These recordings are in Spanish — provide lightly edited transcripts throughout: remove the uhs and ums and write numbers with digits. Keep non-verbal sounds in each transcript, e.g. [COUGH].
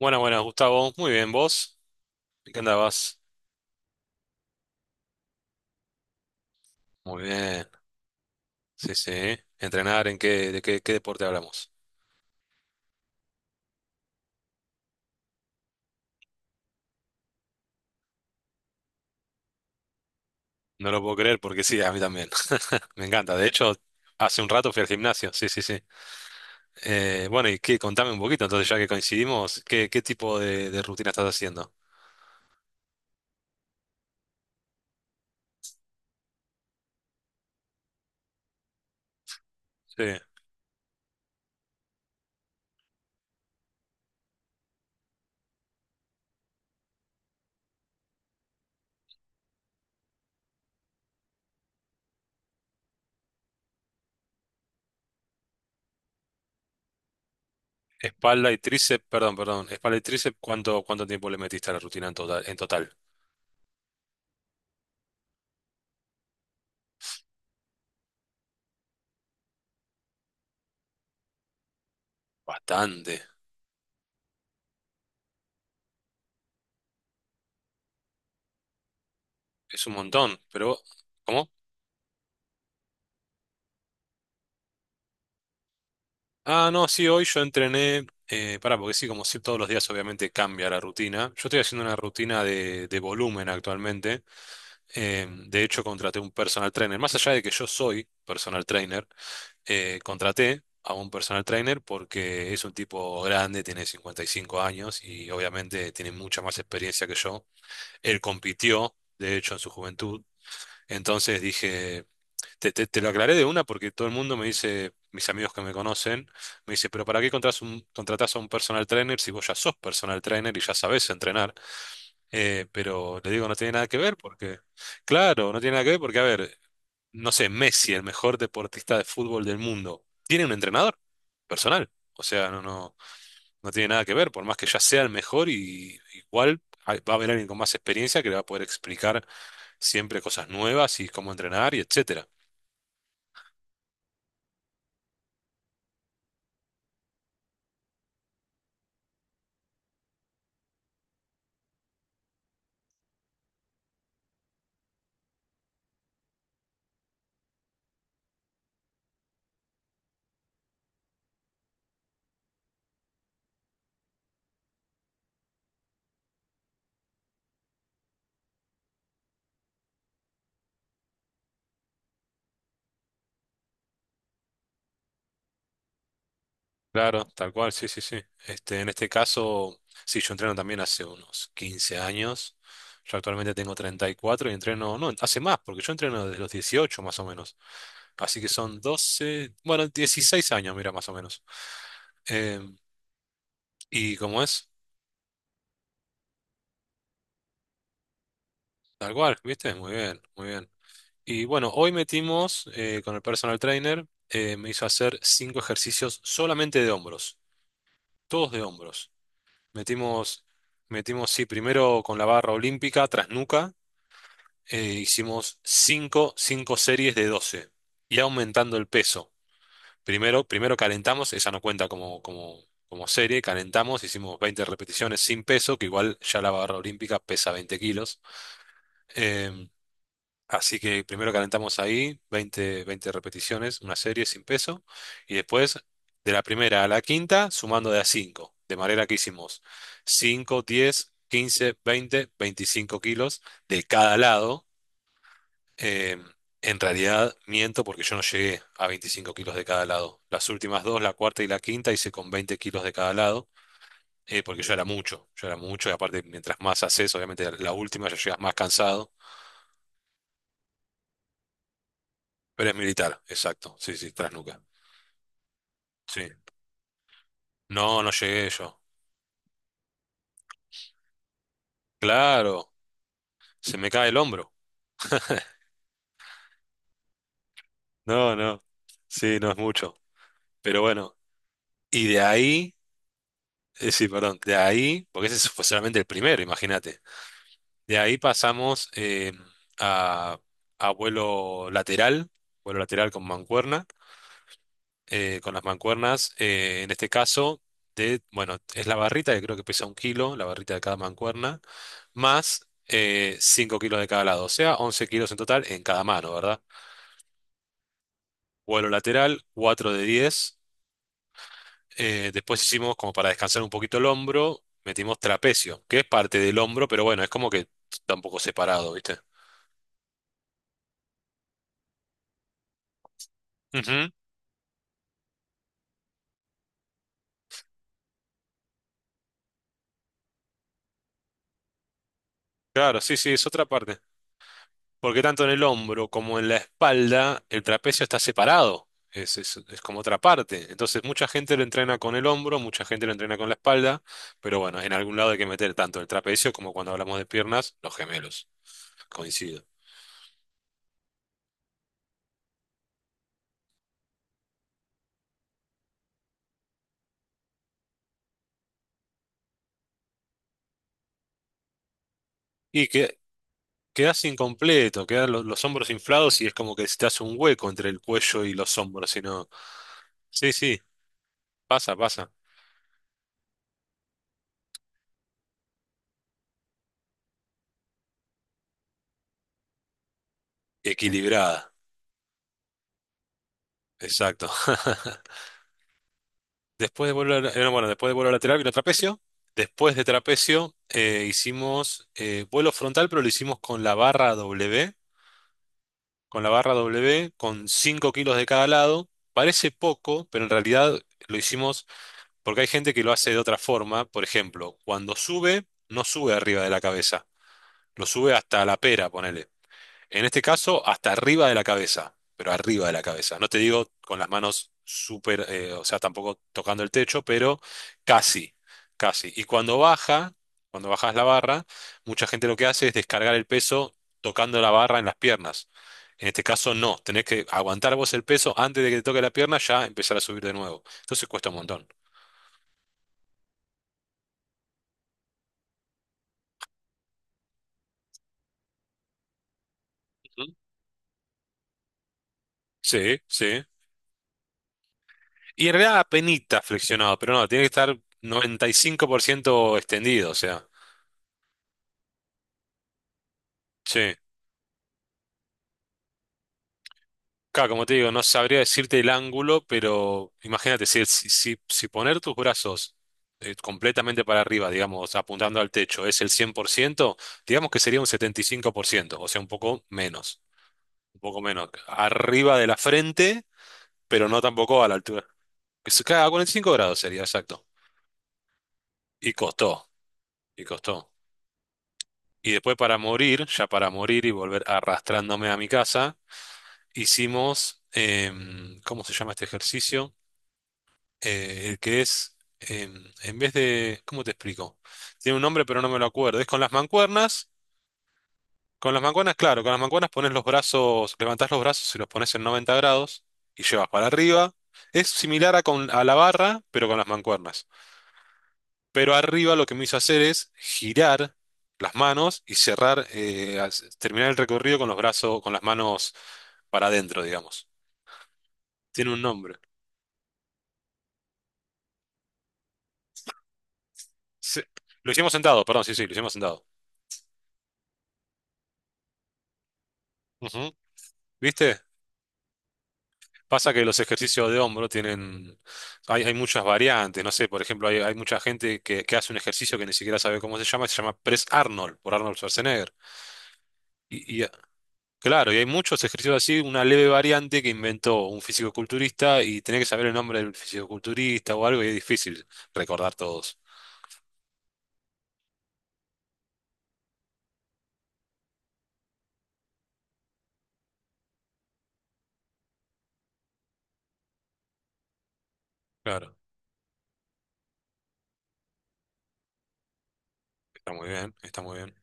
Bueno, bueno, Gustavo, muy bien, ¿vos? ¿En qué andabas? Muy bien, sí, sí. ¿Entrenar en qué, de qué, qué deporte hablamos? No lo puedo creer porque sí, a mí también. [LAUGHS] Me encanta. De hecho, hace un rato fui al gimnasio, sí, sí, sí. Bueno, y qué, contame un poquito, entonces ya que coincidimos, ¿qué tipo de rutina estás haciendo? Sí. Espalda y tríceps, perdón, perdón. Espalda y tríceps, ¿cuánto tiempo le metiste a la rutina en total? ¿En total? Bastante. Es un montón, pero ¿cómo? Ah, no, sí, hoy yo entrené, pará, porque sí, como sí, todos los días obviamente cambia la rutina. Yo estoy haciendo una rutina de volumen actualmente. De hecho, contraté un personal trainer. Más allá de que yo soy personal trainer, contraté a un personal trainer porque es un tipo grande, tiene 55 años y obviamente tiene mucha más experiencia que yo. Él compitió, de hecho, en su juventud. Entonces dije. Te lo aclaré de una porque todo el mundo me dice, mis amigos que me conocen, me dice, pero ¿para qué contratás a un personal trainer si vos ya sos personal trainer y ya sabés entrenar? Pero le digo, no tiene nada que ver porque, claro, no tiene nada que ver porque, a ver, no sé, Messi, el mejor deportista de fútbol del mundo, tiene un entrenador personal. O sea, no, no, no tiene nada que ver, por más que ya sea el mejor y igual va a haber alguien con más experiencia que le va a poder explicar siempre cosas nuevas y cómo entrenar y etcétera. Claro, tal cual, sí, sí, sí. Este, en este caso, sí, yo entreno también hace unos 15 años. Yo actualmente tengo 34 y entreno, no, hace más, porque yo entreno desde los 18 más o menos. Así que son 12, bueno, 16 años, mira, más o menos. Eh, y como es, tal cual, ¿viste? Muy bien, muy bien. Y bueno, hoy metimos con el personal trainer, me hizo hacer cinco ejercicios solamente de hombros, todos de hombros. Metimos, metimos, sí, primero con la barra olímpica, tras nuca, hicimos cinco series de 12 y aumentando el peso. Primero calentamos, esa no cuenta como serie, calentamos, hicimos 20 repeticiones sin peso, que igual ya la barra olímpica pesa 20 kilos. Eh, Así que primero calentamos ahí, 20, 20 repeticiones, una serie sin peso, y después de la primera a la quinta, sumando de a 5 de manera que hicimos 5, 10, 15, 20, 25 kilos de cada lado. Eh, en realidad miento porque yo no llegué a 25 kilos de cada lado. Las últimas dos, la cuarta y la quinta, hice con 20 kilos de cada lado, porque yo era mucho, y aparte mientras más haces, obviamente la última ya llegas más cansado, pero es militar, exacto, sí, sí, tras nuca. Sí. No, no llegué yo. Claro, se me cae el hombro. No, no. Sí, no es mucho. Pero bueno, y de ahí, sí, perdón, de ahí, porque ese fue solamente el primero, imagínate. De ahí pasamos a, a vuelo lateral con mancuerna, con las mancuernas, en este caso, de, bueno, es la barrita que creo que pesa 1 kilo, la barrita de cada mancuerna, más 5 kilos de cada lado, o sea, 11 kilos en total en cada mano, ¿verdad? Vuelo lateral, 4 de 10. Después hicimos como para descansar un poquito el hombro, metimos trapecio, que es parte del hombro, pero bueno, es como que está un poco separado, ¿viste? Ujú. Claro, sí, sí, es otra parte. Porque tanto en el hombro como en la espalda, el trapecio está separado. Es como otra parte. Entonces, mucha gente lo entrena con el hombro, mucha gente lo entrena con la espalda, pero bueno, en algún lado hay que meter tanto el trapecio como cuando hablamos de piernas, los gemelos. Coincido. Y que quedás incompleto, quedan los hombros inflados y es como que se te hace un hueco entre el cuello y los hombros, sino. Sí, sí, pasa, pasa. Equilibrada, exacto. [LAUGHS] Después de vuelo, no, bueno, después de vuelo lateral vino trapecio. Después de trapecio hicimos vuelo frontal, pero lo hicimos con la barra W, con 5 kilos de cada lado. Parece poco, pero en realidad lo hicimos porque hay gente que lo hace de otra forma. Por ejemplo, cuando sube, no sube arriba de la cabeza. Lo sube hasta la pera, ponele. En este caso, hasta arriba de la cabeza, pero arriba de la cabeza. No te digo con las manos súper, o sea, tampoco tocando el techo, pero casi, casi. Y cuando bajas la barra, mucha gente lo que hace es descargar el peso tocando la barra en las piernas. En este caso, no. Tenés que aguantar vos el peso antes de que te toque la pierna, ya empezar a subir de nuevo. Entonces cuesta un montón. Ujú. Sí, sí. Y en realidad apenita flexionado, pero no, tiene que estar 95% extendido, o sea. Sí. Claro, como te digo, no sabría decirte el ángulo, pero imagínate, si poner tus brazos completamente para arriba, digamos, apuntando al techo, es el 100%, digamos que sería un 75%, o sea, un poco menos, un poco menos. Arriba de la frente, pero no tampoco a la altura. Claro, 45 grados sería, exacto. Y costó, y costó. Y después para morir, ya para morir y volver arrastrándome a mi casa, hicimos, ¿cómo se llama este ejercicio? El que es, en vez de, ¿cómo te explico? Tiene un nombre pero no me lo acuerdo. Es con las mancuernas, claro, con las mancuernas pones los brazos, levantás los brazos y los pones en 90 grados y llevas para arriba. Es similar a, a la barra, pero con las mancuernas. Pero arriba lo que me hizo hacer es girar las manos y cerrar, terminar el recorrido con los brazos, con las manos para adentro, digamos. Tiene un nombre. Se- Lo hicimos sentado, perdón, sí, sí, lo hicimos sentado. Ujú. ¿Viste? Pasa que los ejercicios de hombro hay muchas variantes, no sé, por ejemplo, hay mucha gente que hace un ejercicio que ni siquiera sabe cómo se llama Press Arnold, por Arnold Schwarzenegger. Y claro, y hay muchos ejercicios así, una leve variante que inventó un fisicoculturista y tenés que saber el nombre del fisicoculturista o algo y es difícil recordar todos. Claro, está muy bien, está muy bien.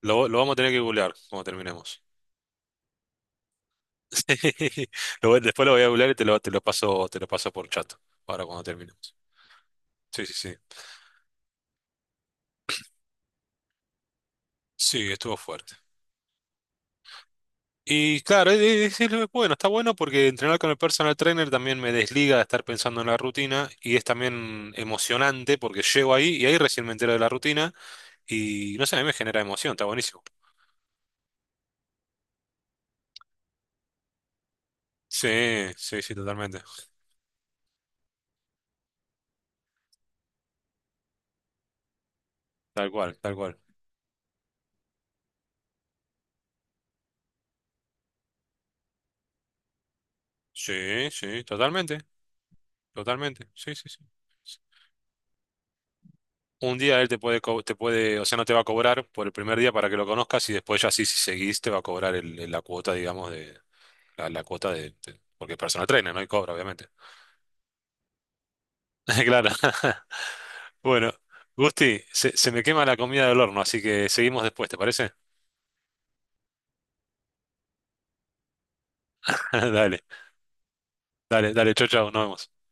Lo vamos a tener que googlear cuando terminemos. [LAUGHS] Sí, después lo voy a googlear y te lo paso por chat, ahora cuando terminemos. Sí, sí, sí. Sí, estuvo fuerte. Y claro, es bueno, está bueno porque entrenar con el personal trainer también me desliga de estar pensando en la rutina y es también emocionante porque llego ahí y ahí recién me entero de la rutina. Y no sé, a mí me genera emoción, está buenísimo. Sí, sí, sí, totalmente. Tal cual, tal cual. Sí, sí, totalmente, totalmente. Sí, sí, sí. Un día él te puede, te puede, o sea, no te va a cobrar por el primer día para que lo conozcas y después ya sí, si seguís, te va a cobrar la cuota, digamos, de la cuota porque es personal trainer, no hay cobra, obviamente. [LAUGHS] Claro. [LAUGHS] Bueno, Gusti, se me quema la comida del horno, así que seguimos después, ¿te parece? [LAUGHS] Dale, dale, dale, chau, chau, nos vemos.